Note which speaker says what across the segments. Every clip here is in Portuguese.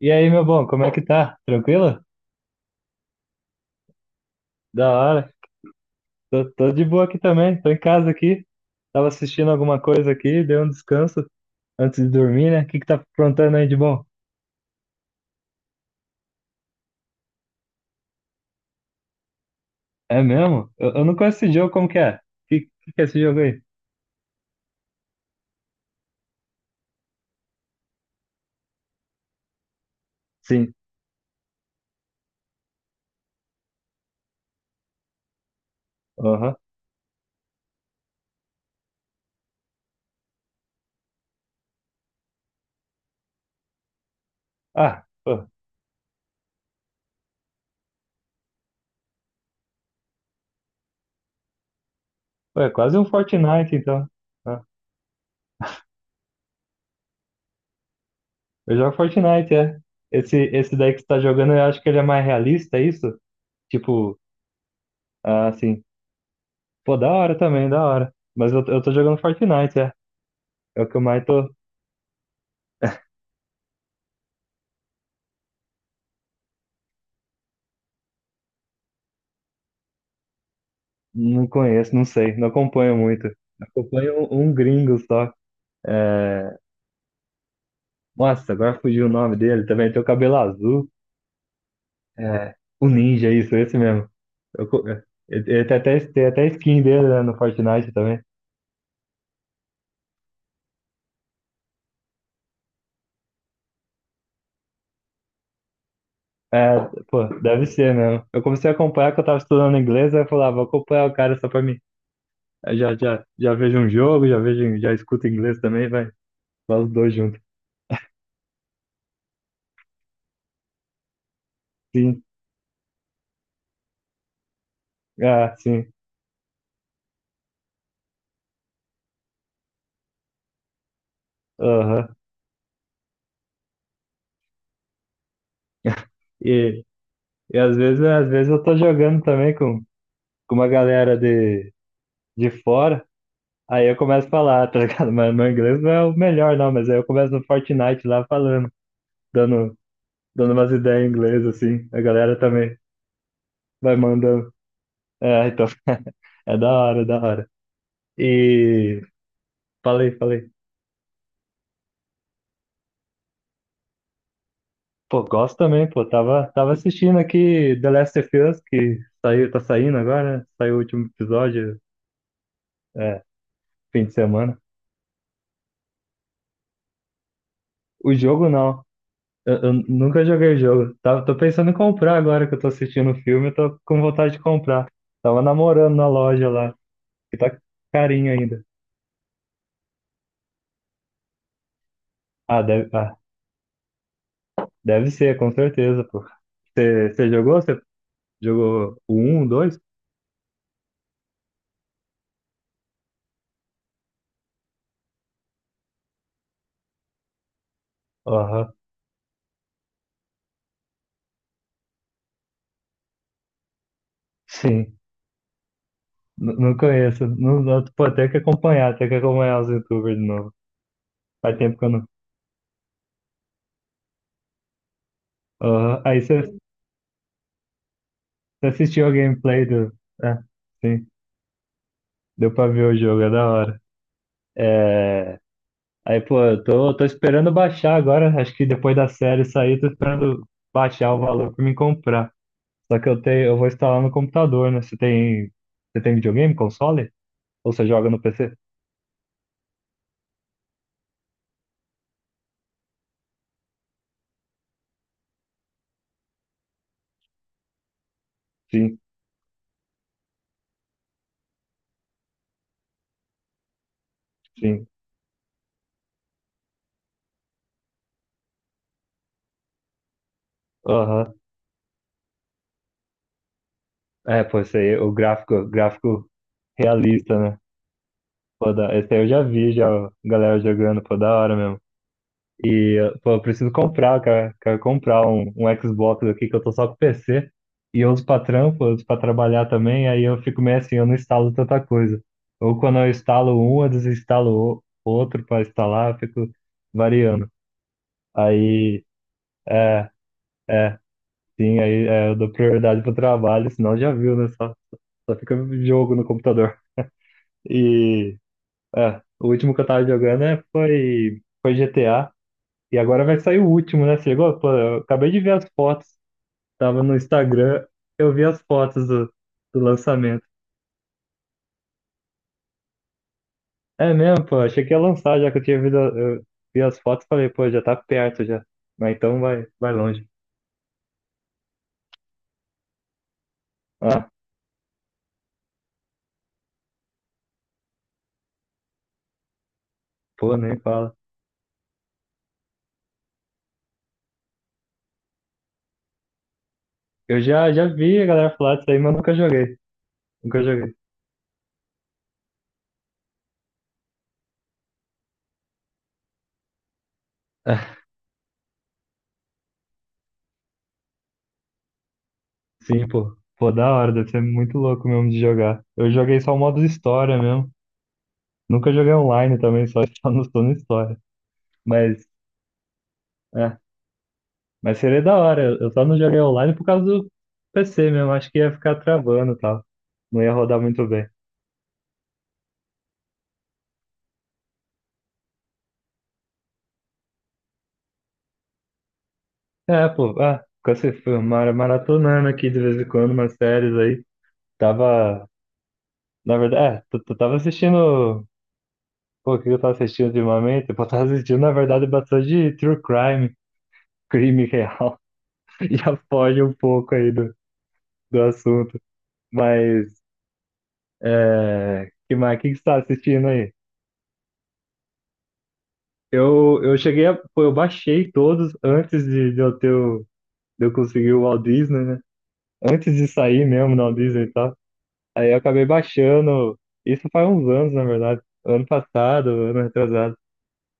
Speaker 1: E aí, meu bom, como é que tá? Tranquilo? Da hora. Tô de boa aqui também, tô em casa aqui. Tava assistindo alguma coisa aqui, dei um descanso antes de dormir, né? O que que tá aprontando aí de bom? É mesmo? Eu não conheço esse jogo, como que é? Que que é esse jogo aí? Sim. Aham. Ah, pô, é quase um Fortnite, então. Ah, eu jogo Fortnite, é. Esse daí que você tá jogando, eu acho que ele é mais realista, é isso? Tipo, ah, assim, pô, da hora também, da hora. Mas eu, tô jogando Fortnite, é. É o que eu mais tô. Não conheço, não sei, não acompanho muito. Acompanho um gringo só. É, nossa, agora fugiu o nome dele também. Tem o cabelo azul. É, o Ninja, isso, esse mesmo. Eu co- é, ele tem até skin dele, né, no Fortnite também. É, pô, deve ser mesmo. Eu comecei a acompanhar que eu tava estudando inglês, aí eu falava, vou acompanhar o cara só pra mim. Aí já vejo um jogo, já vejo, já escuto inglês também, vai, os dois juntos. Sim, ah, sim, aham. E às vezes eu tô jogando também com uma galera de fora, aí eu começo a falar, tá ligado? Mas meu inglês não é o melhor, não, mas aí eu começo no Fortnite lá falando, dando, dando umas ideias em inglês, assim. A galera também vai mandando. É, então, é da hora, é da hora. E falei. Pô, gosto também, pô. Tava assistindo aqui The Last of Us, que saiu, tá saindo agora, né? Saiu o último episódio, é, fim de semana. O jogo não. Eu nunca joguei o jogo. Tava, tô pensando em comprar agora que eu tô assistindo o filme, eu tô com vontade de comprar. Tava namorando na loja lá, que tá carinho ainda. Ah, deve ser, com certeza, pô. Você jogou? Você jogou o 1, 2? Aham, sim. Não conheço. Não, pô, tem que acompanhar os YouTubers de novo. Faz tempo que eu não. Aham. Aí você assistiu a gameplay do. É, sim. Deu pra ver o jogo, é da hora. É. Aí, pô, tô esperando baixar agora. Acho que depois da série sair, tô esperando baixar o valor pra me comprar. Só que eu tenho, eu vou instalar no computador, né? Você tem videogame, console? Ou você joga no PC? Sim, sim. Aham. É, pô, esse aí, gráfico realista, né? Pô, da, esse aí eu já vi, já, a galera jogando, pô, da hora mesmo. E, pô, eu preciso comprar, cara. Quero comprar um Xbox aqui que eu tô só com PC. E eu uso pra trabalhar também. Aí eu fico meio assim, eu não instalo tanta coisa. Ou quando eu instalo um, eu outro pra instalar, eu fico variando. Aí, é, é, sim, eu dou prioridade pro trabalho, senão já viu, né? Só fica jogo no computador. E, é, o último que eu tava jogando foi GTA. E agora vai sair o último, né? Você chegou? Pô, eu acabei de ver as fotos. Tava no Instagram, eu vi as fotos do, do lançamento. É mesmo, pô. Achei que ia lançar, já que eu tinha visto, eu vi as fotos e falei, pô, já tá perto já. Mas então vai, vai longe. Ah, pô, nem fala. Já vi a galera falar disso aí, mas nunca joguei. Nunca joguei. Sim, pô. Pô, da hora, deve ser muito louco mesmo de jogar. Eu joguei só o modo história mesmo. Nunca joguei online também, só, só só no história. Mas, é. Mas seria da hora. Eu só não joguei online por causa do PC mesmo. Acho que ia ficar travando e tal. Não ia rodar muito bem. É, pô. Ah, ficou se foi maratonando aqui de vez em quando umas séries aí. Tava. Na verdade, é, tu tava assistindo. Pô, o que eu tava assistindo ultimamente? Pô, eu tava assistindo, na verdade, bastante true crime, crime real. Já foge um pouco aí do, do assunto. Mas. É, que mais? O que que você tá assistindo aí? Eu cheguei a. Pô, eu baixei todos antes de eu ter o, de eu conseguir o Walt Disney, né? Antes de sair mesmo no Walt Disney e tal. Aí eu acabei baixando. Isso faz uns anos, na verdade. Ano passado, ano retrasado.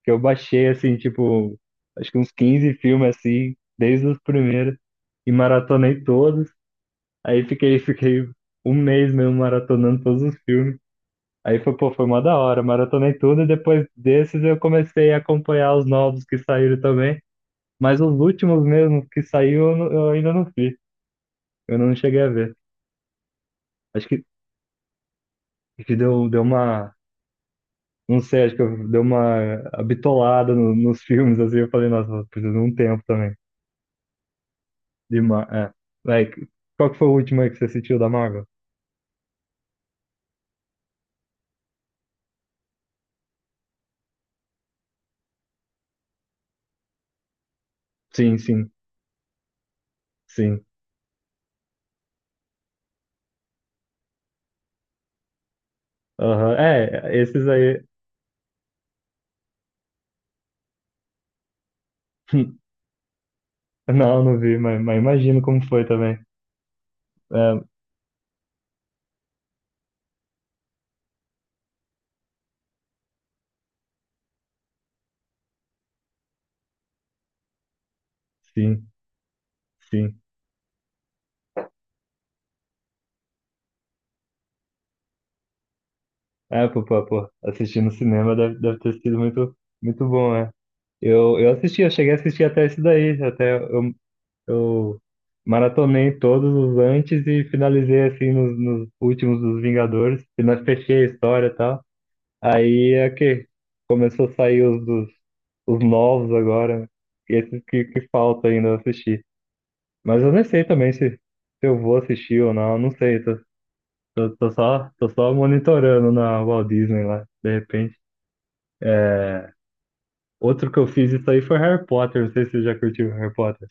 Speaker 1: Que eu baixei, assim, tipo, acho que uns 15 filmes assim, desde os primeiros. E maratonei todos. Aí fiquei, fiquei um mês mesmo maratonando todos os filmes. Aí foi, pô, foi uma da hora, maratonei tudo e depois desses eu comecei a acompanhar os novos que saíram também. Mas os últimos mesmo que saiu, eu ainda não vi. Eu não cheguei a ver. Acho que deu, deu uma. Não sei, acho que deu uma bitolada nos filmes, assim. Eu falei, nossa, eu preciso de um tempo também. De ma é. Vai, qual que foi o último aí que você assistiu da Marvel? Sim, sim, sim. Aham. É, esses aí. Não, não vi, mas imagino como foi também. É, sim, sim. É, pô, assistir no cinema deve, deve ter sido muito, muito bom, né? Eu assisti, eu cheguei a assistir até esse daí, até eu maratonei todos os antes e finalizei assim nos, nos últimos dos Vingadores, e nós fechei a história e tal. Aí é que começou a sair os, dos, os novos agora, e esses que falta ainda assistir. Mas eu nem sei também se eu vou assistir ou não, não sei, tô só monitorando na Walt Disney lá, de repente. É, outro que eu fiz isso aí foi Harry Potter. Não sei se você já curtiu Harry Potter.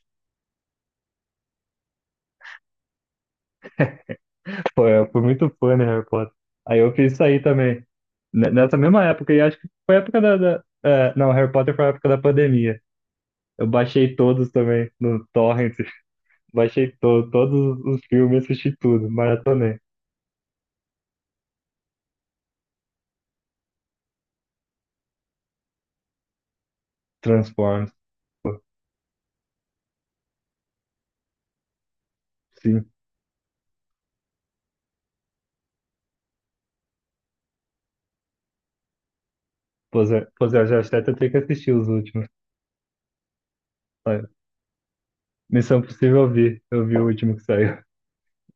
Speaker 1: Foi, eu fui muito fã de Harry Potter. Aí eu fiz isso aí também. Nessa mesma época, e acho que foi a época da. É, não, Harry Potter foi a época da pandemia. Eu baixei todos também no Torrent. Baixei todos os filmes, assisti tudo, maratonei. Transformers, pô, sim. Pô, Zé, já até tem que assistir os últimos. Olha, Missão Possível eu vi o último que saiu.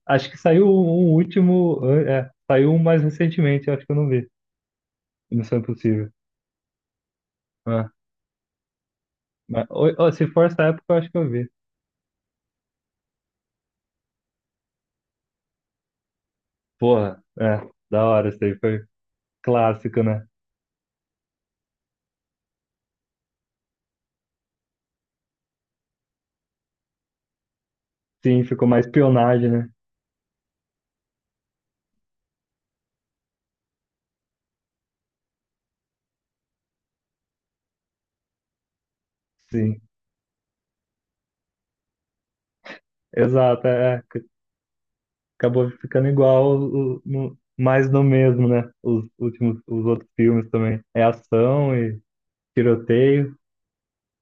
Speaker 1: Acho que saiu um último. É, saiu um mais recentemente, eu acho que eu não vi. Missão Impossível. É, mas, ou se for essa época, eu acho que eu vi. Porra, é, da hora, isso aí foi clássico, né? Sim, ficou mais espionagem, né? Sim, exato, acabou ficando igual, mais no mesmo, né? Os últimos, os outros filmes também. É ação e tiroteio,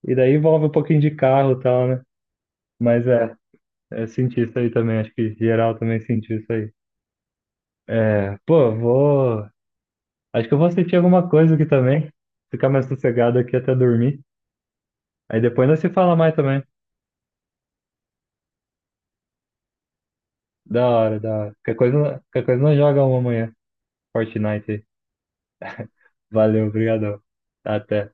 Speaker 1: e daí envolve um pouquinho de carro e tal, né? Mas é, senti isso aí também, acho que geral também sentiu isso aí. É, pô, vou. Acho que eu vou assistir alguma coisa aqui também. Ficar mais sossegado aqui até dormir. Aí depois nós se fala mais também. Da hora, da hora. Qualquer coisa nós joga uma amanhã. Fortnite aí. Valeu, obrigado. Até.